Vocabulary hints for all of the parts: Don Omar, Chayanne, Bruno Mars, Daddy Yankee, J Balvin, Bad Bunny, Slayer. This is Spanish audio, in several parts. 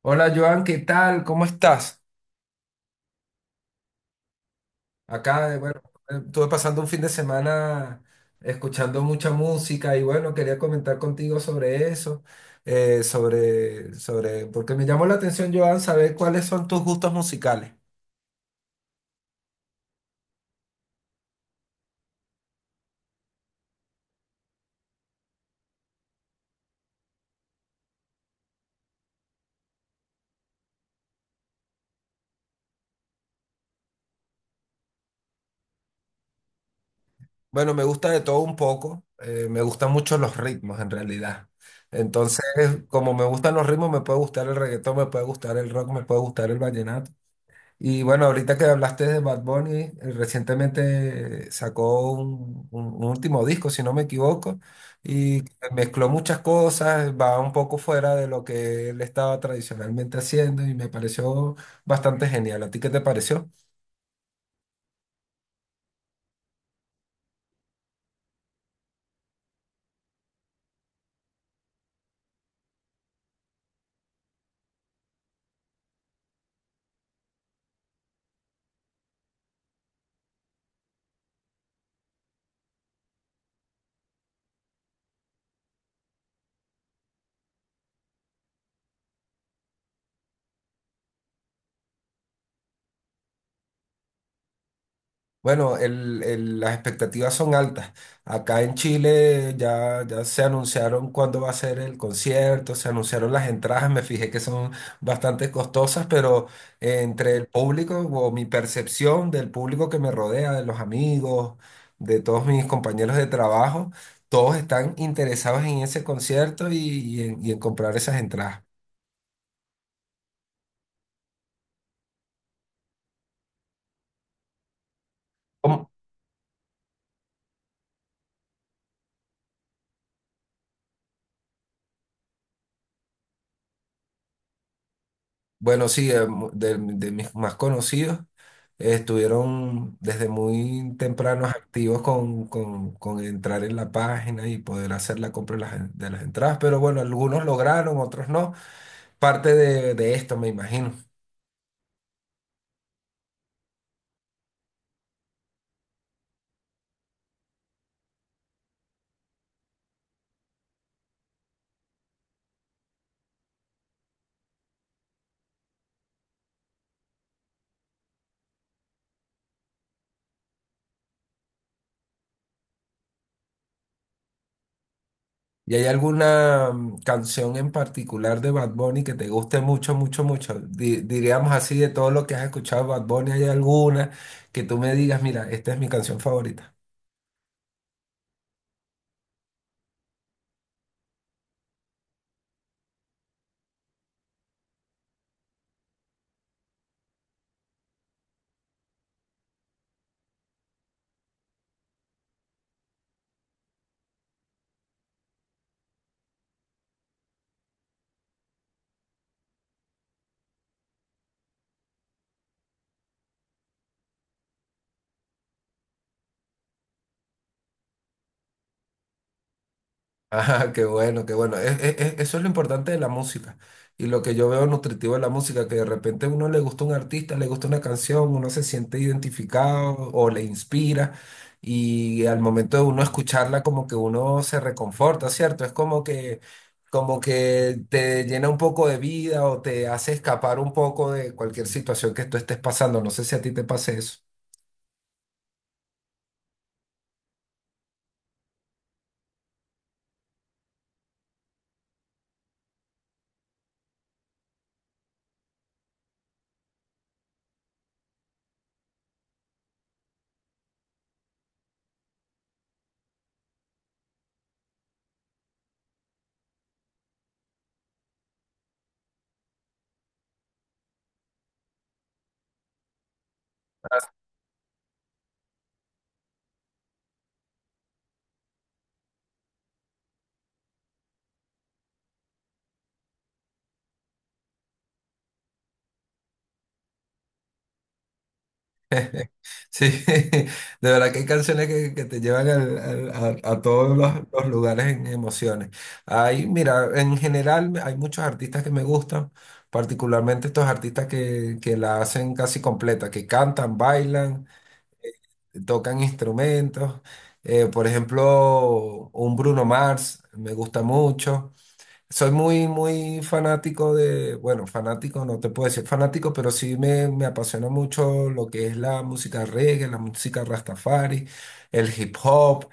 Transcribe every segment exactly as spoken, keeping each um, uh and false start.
Hola Joan, ¿qué tal? ¿Cómo estás? Acá, eh, bueno, estuve pasando un fin de semana escuchando mucha música y bueno, quería comentar contigo sobre eso, eh, sobre, sobre, porque me llamó la atención, Joan, saber cuáles son tus gustos musicales. Bueno, me gusta de todo un poco, eh, me gustan mucho los ritmos en realidad. Entonces, como me gustan los ritmos, me puede gustar el reggaetón, me puede gustar el rock, me puede gustar el vallenato. Y bueno, ahorita que hablaste de Bad Bunny, eh, recientemente sacó un, un- un último disco, si no me equivoco, y mezcló muchas cosas, va un poco fuera de lo que él estaba tradicionalmente haciendo y me pareció bastante genial. ¿A ti qué te pareció? Bueno, el- el- las expectativas son altas. Acá en Chile ya, ya se anunciaron cuándo va a ser el concierto, se anunciaron las entradas, me fijé que son bastante costosas, pero eh, entre el público o mi percepción del público que me rodea, de los amigos, de todos mis compañeros de trabajo, todos están interesados en ese concierto y, y en, y en comprar esas entradas. ¿Cómo? Bueno, sí, eh, mu- de de mis más conocidos estuvieron desde muy tempranos activos con, con- con entrar en la página y poder hacer la compra de las, en- de las entradas, pero bueno, algunos lograron, otros no. Parte de, de esto, me imagino. ¿Y hay alguna mm, canción en particular de Bad Bunny que te guste mucho, mucho, mucho? Di- diríamos así, de todo lo que has escuchado de Bad Bunny, ¿hay alguna que tú me digas, mira, esta es mi canción favorita? Ah, qué bueno, qué bueno. Es- es- es- eso es lo importante de la música. Y lo que yo veo nutritivo de la música, que de repente a uno le gusta un artista, le gusta una canción, uno se siente identificado o le inspira. Y al momento de uno escucharla, como que uno se reconforta, ¿cierto? Es como que, como que te llena un poco de vida o te hace escapar un poco de cualquier situación que tú estés pasando. No sé si a ti te pase eso. Sí, de verdad que hay canciones que, que te llevan al- al- a, a todos los, los lugares en emociones. Hay, mira, en general hay muchos artistas que me gustan, particularmente estos artistas que, que la hacen casi completa, que cantan, bailan, tocan instrumentos. Eh, por ejemplo, un Bruno Mars me gusta mucho. Soy muy, muy fanático de, bueno, fanático, no te puedo decir fanático, pero sí me, me apasiona mucho lo que es la música reggae, la música rastafari, el hip hop,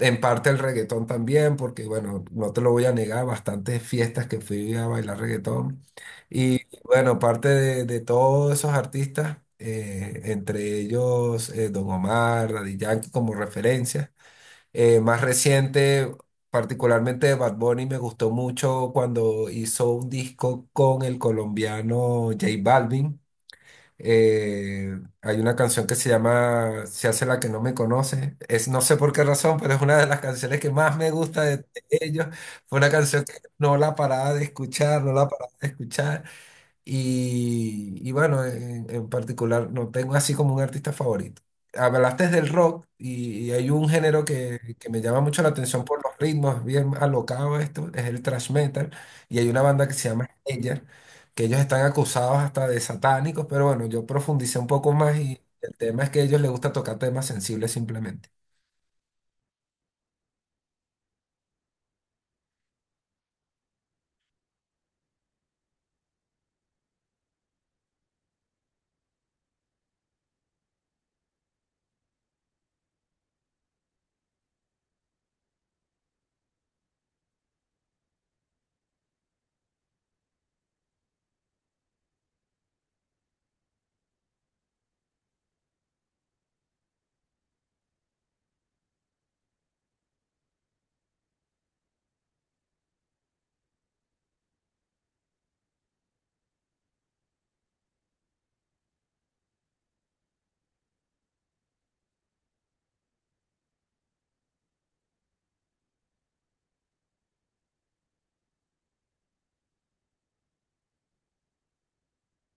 en parte el reggaetón también, porque bueno, no te lo voy a negar, bastantes fiestas que fui a bailar reggaetón. Y bueno, parte de, de todos esos artistas, eh, entre ellos eh, Don Omar, Daddy Yankee como referencia. Eh, más reciente, particularmente de Bad Bunny, me gustó mucho cuando hizo un disco con el colombiano J Balvin. Eh, hay una canción que se llama Se hace la que no me conoce. Es, no sé por qué razón, pero es una de las canciones que más me gusta de, de ellos. Fue una canción que no la paraba de escuchar, no la paraba de escuchar. Y, y bueno, en, en particular no tengo así como un artista favorito. Hablaste del rock y, y hay un género que, que me llama mucho la atención por los ritmos, bien alocado esto, es el thrash metal. Y hay una banda que se llama Slayer, que ellos están acusados hasta de satánicos, pero bueno, yo profundicé un poco más y el tema es que a ellos les gusta tocar temas sensibles simplemente.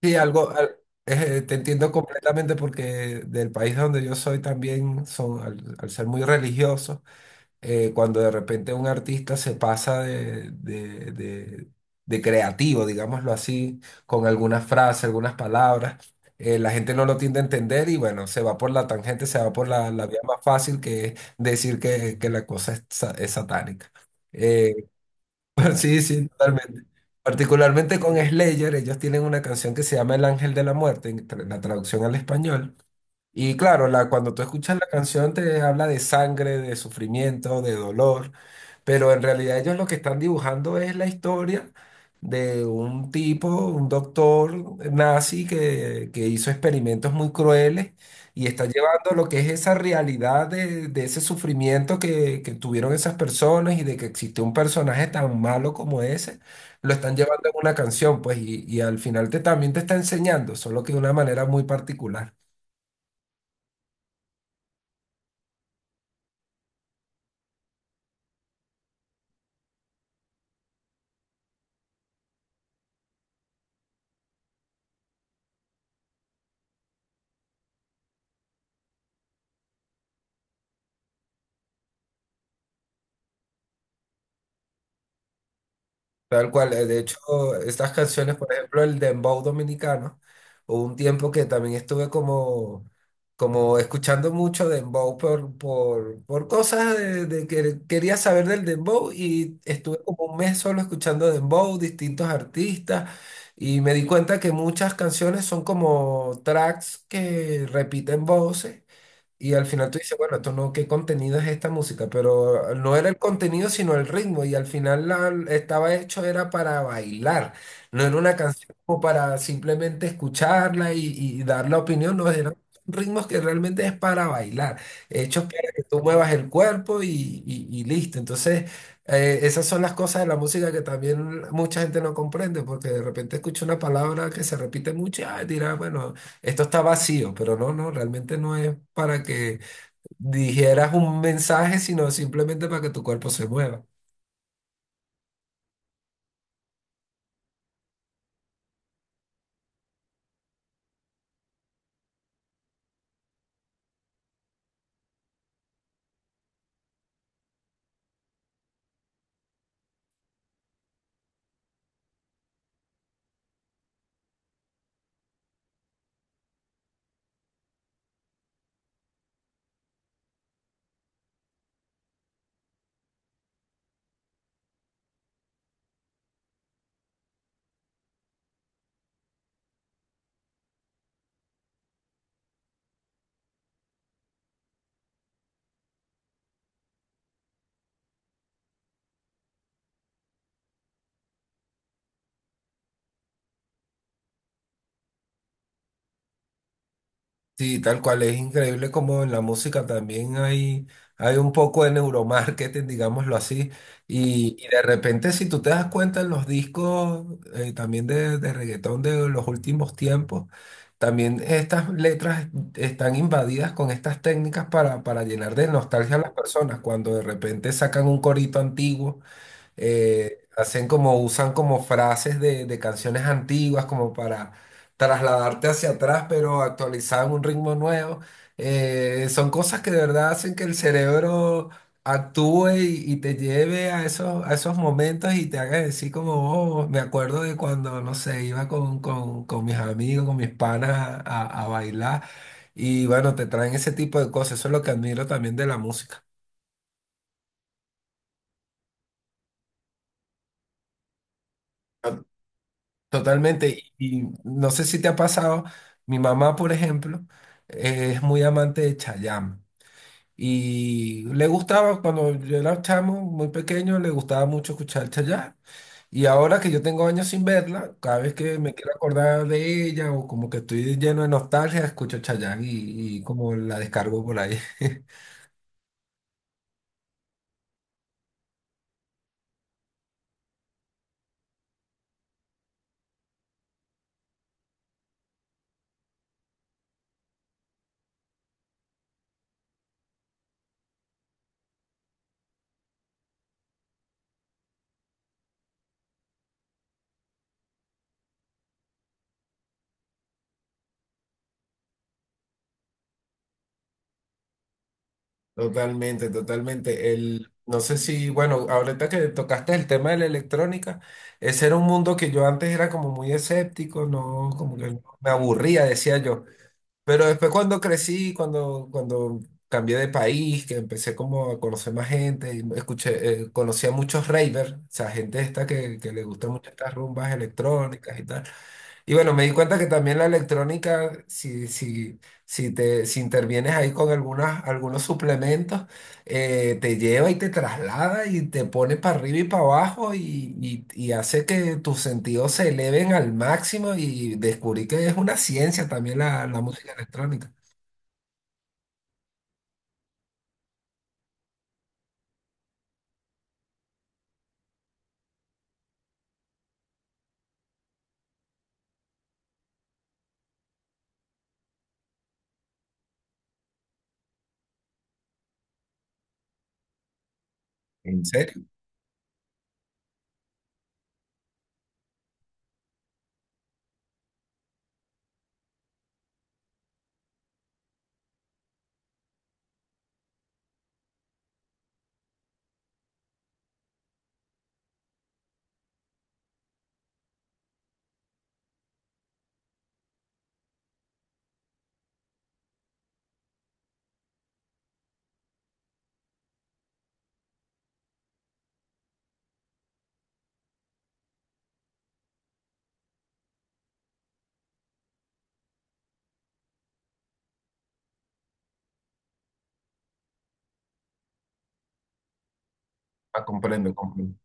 Sí, algo, al- eh, te entiendo completamente porque del país donde yo soy también son, al al ser muy religiosos eh, cuando de repente un artista se pasa de, de- de- de creativo, digámoslo así, con algunas frases, algunas palabras, eh, la gente no lo tiende a entender y bueno, se va por la tangente, se va por la, la vía más fácil que es decir que, que la cosa es, sa- es satánica. Eh, sí, sí, totalmente. Particularmente con Slayer, ellos tienen una canción que se llama El Ángel de la Muerte, en tra- la traducción al español. Y claro, la, cuando tú escuchas la canción te habla de sangre, de sufrimiento, de dolor, pero en realidad ellos lo que están dibujando es la historia de un tipo, un doctor nazi que, que hizo experimentos muy crueles y está llevando lo que es esa realidad de, de ese sufrimiento que, que tuvieron esas personas y de que existe un personaje tan malo como ese, lo están llevando en una canción, pues, y, y al final te también te está enseñando, solo que de una manera muy particular. Tal cual, eh, de hecho, estas canciones, por ejemplo, el dembow dominicano, hubo un tiempo que también estuve como, como escuchando mucho dembow por, por, por cosas de, de que quería saber del dembow y estuve como un mes solo escuchando dembow, distintos artistas, y me di cuenta que muchas canciones son como tracks que repiten voces. Y al final tú dices, bueno, esto no, ¿qué contenido es esta música? Pero no era el contenido, sino el ritmo. Y al final la, estaba hecho era para bailar. No era una canción como para simplemente escucharla y, y dar la opinión. No, eran ritmos que realmente es para bailar. Hechos para que tú muevas el cuerpo y, y- y listo. Entonces, eh, esas son las cosas de la música que también mucha gente no comprende, porque de repente escucha una palabra que se repite mucho y ah, dirá, bueno. Esto está vacío, pero no, no, realmente no es para que dijeras un mensaje, sino simplemente para que tu cuerpo se mueva. Sí, tal cual, es increíble como en la música también hay, hay un poco de neuromarketing, digámoslo así, y, y de repente si tú te das cuenta en los discos eh, también de, de reggaetón de los últimos tiempos, también estas letras están invadidas con estas técnicas para, para llenar de nostalgia a las personas, cuando de repente sacan un corito antiguo, eh, hacen como, usan como frases de, de canciones antiguas como para trasladarte hacia atrás, pero actualizado en un ritmo nuevo. Eh, son cosas que de verdad hacen que el cerebro actúe y, y te lleve a esos, a esos momentos y te haga decir como, oh, me acuerdo de cuando, no sé, iba con, con- con mis amigos, con mis panas a, a a bailar. Y bueno, te traen ese tipo de cosas. Eso es lo que admiro también de la música. Totalmente, y y no sé si te ha pasado, mi mamá, por ejemplo, eh, es muy amante de Chayanne y le gustaba, cuando yo era chamo, muy pequeño, le gustaba mucho escuchar Chayanne y ahora que yo tengo años sin verla, cada vez que me quiero acordar de ella o como que estoy lleno de nostalgia, escucho Chayanne y, y como la descargo por ahí. Totalmente, totalmente. El, no sé si, bueno, ahorita que tocaste el tema de la electrónica, ese era un mundo que yo antes era como muy escéptico, no, como que me aburría, decía yo. Pero después cuando crecí, cuando, cuando cambié de país, que empecé como a conocer más gente, y escuché, eh, conocí a muchos ravers, o sea, gente esta que, que le gustan mucho estas rumbas electrónicas y tal. Y bueno, me di cuenta que también la electrónica, si, si, si te, si intervienes ahí con algunas, algunos suplementos, eh, te lleva y te traslada y te pone para arriba y para abajo y, y- y hace que tus sentidos se eleven al máximo y descubrí que es una ciencia también la, la música electrónica. ¿En serio? Ah, comprendo, comprendo.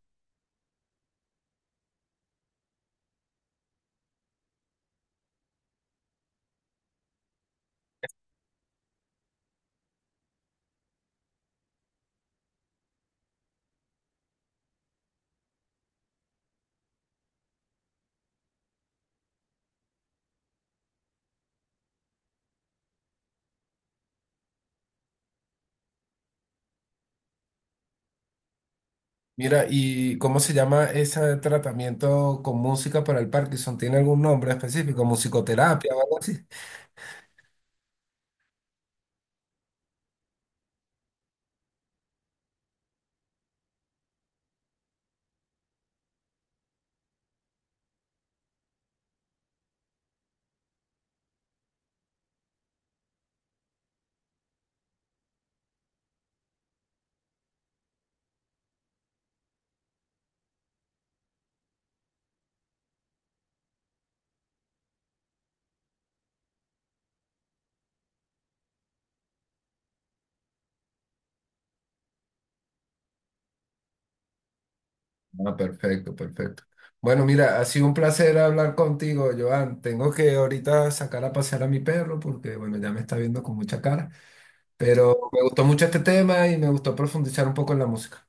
Mira, ¿y cómo se llama ese tratamiento con música para el Parkinson? ¿Tiene algún nombre específico? ¿Musicoterapia o algo así? Ah, perfecto, perfecto. Bueno, mira, ha sido un placer hablar contigo, Joan. Tengo que ahorita sacar a pasear a mi perro porque, bueno, ya me está viendo con mucha cara. Pero me gustó mucho este tema y me gustó profundizar un poco en la música.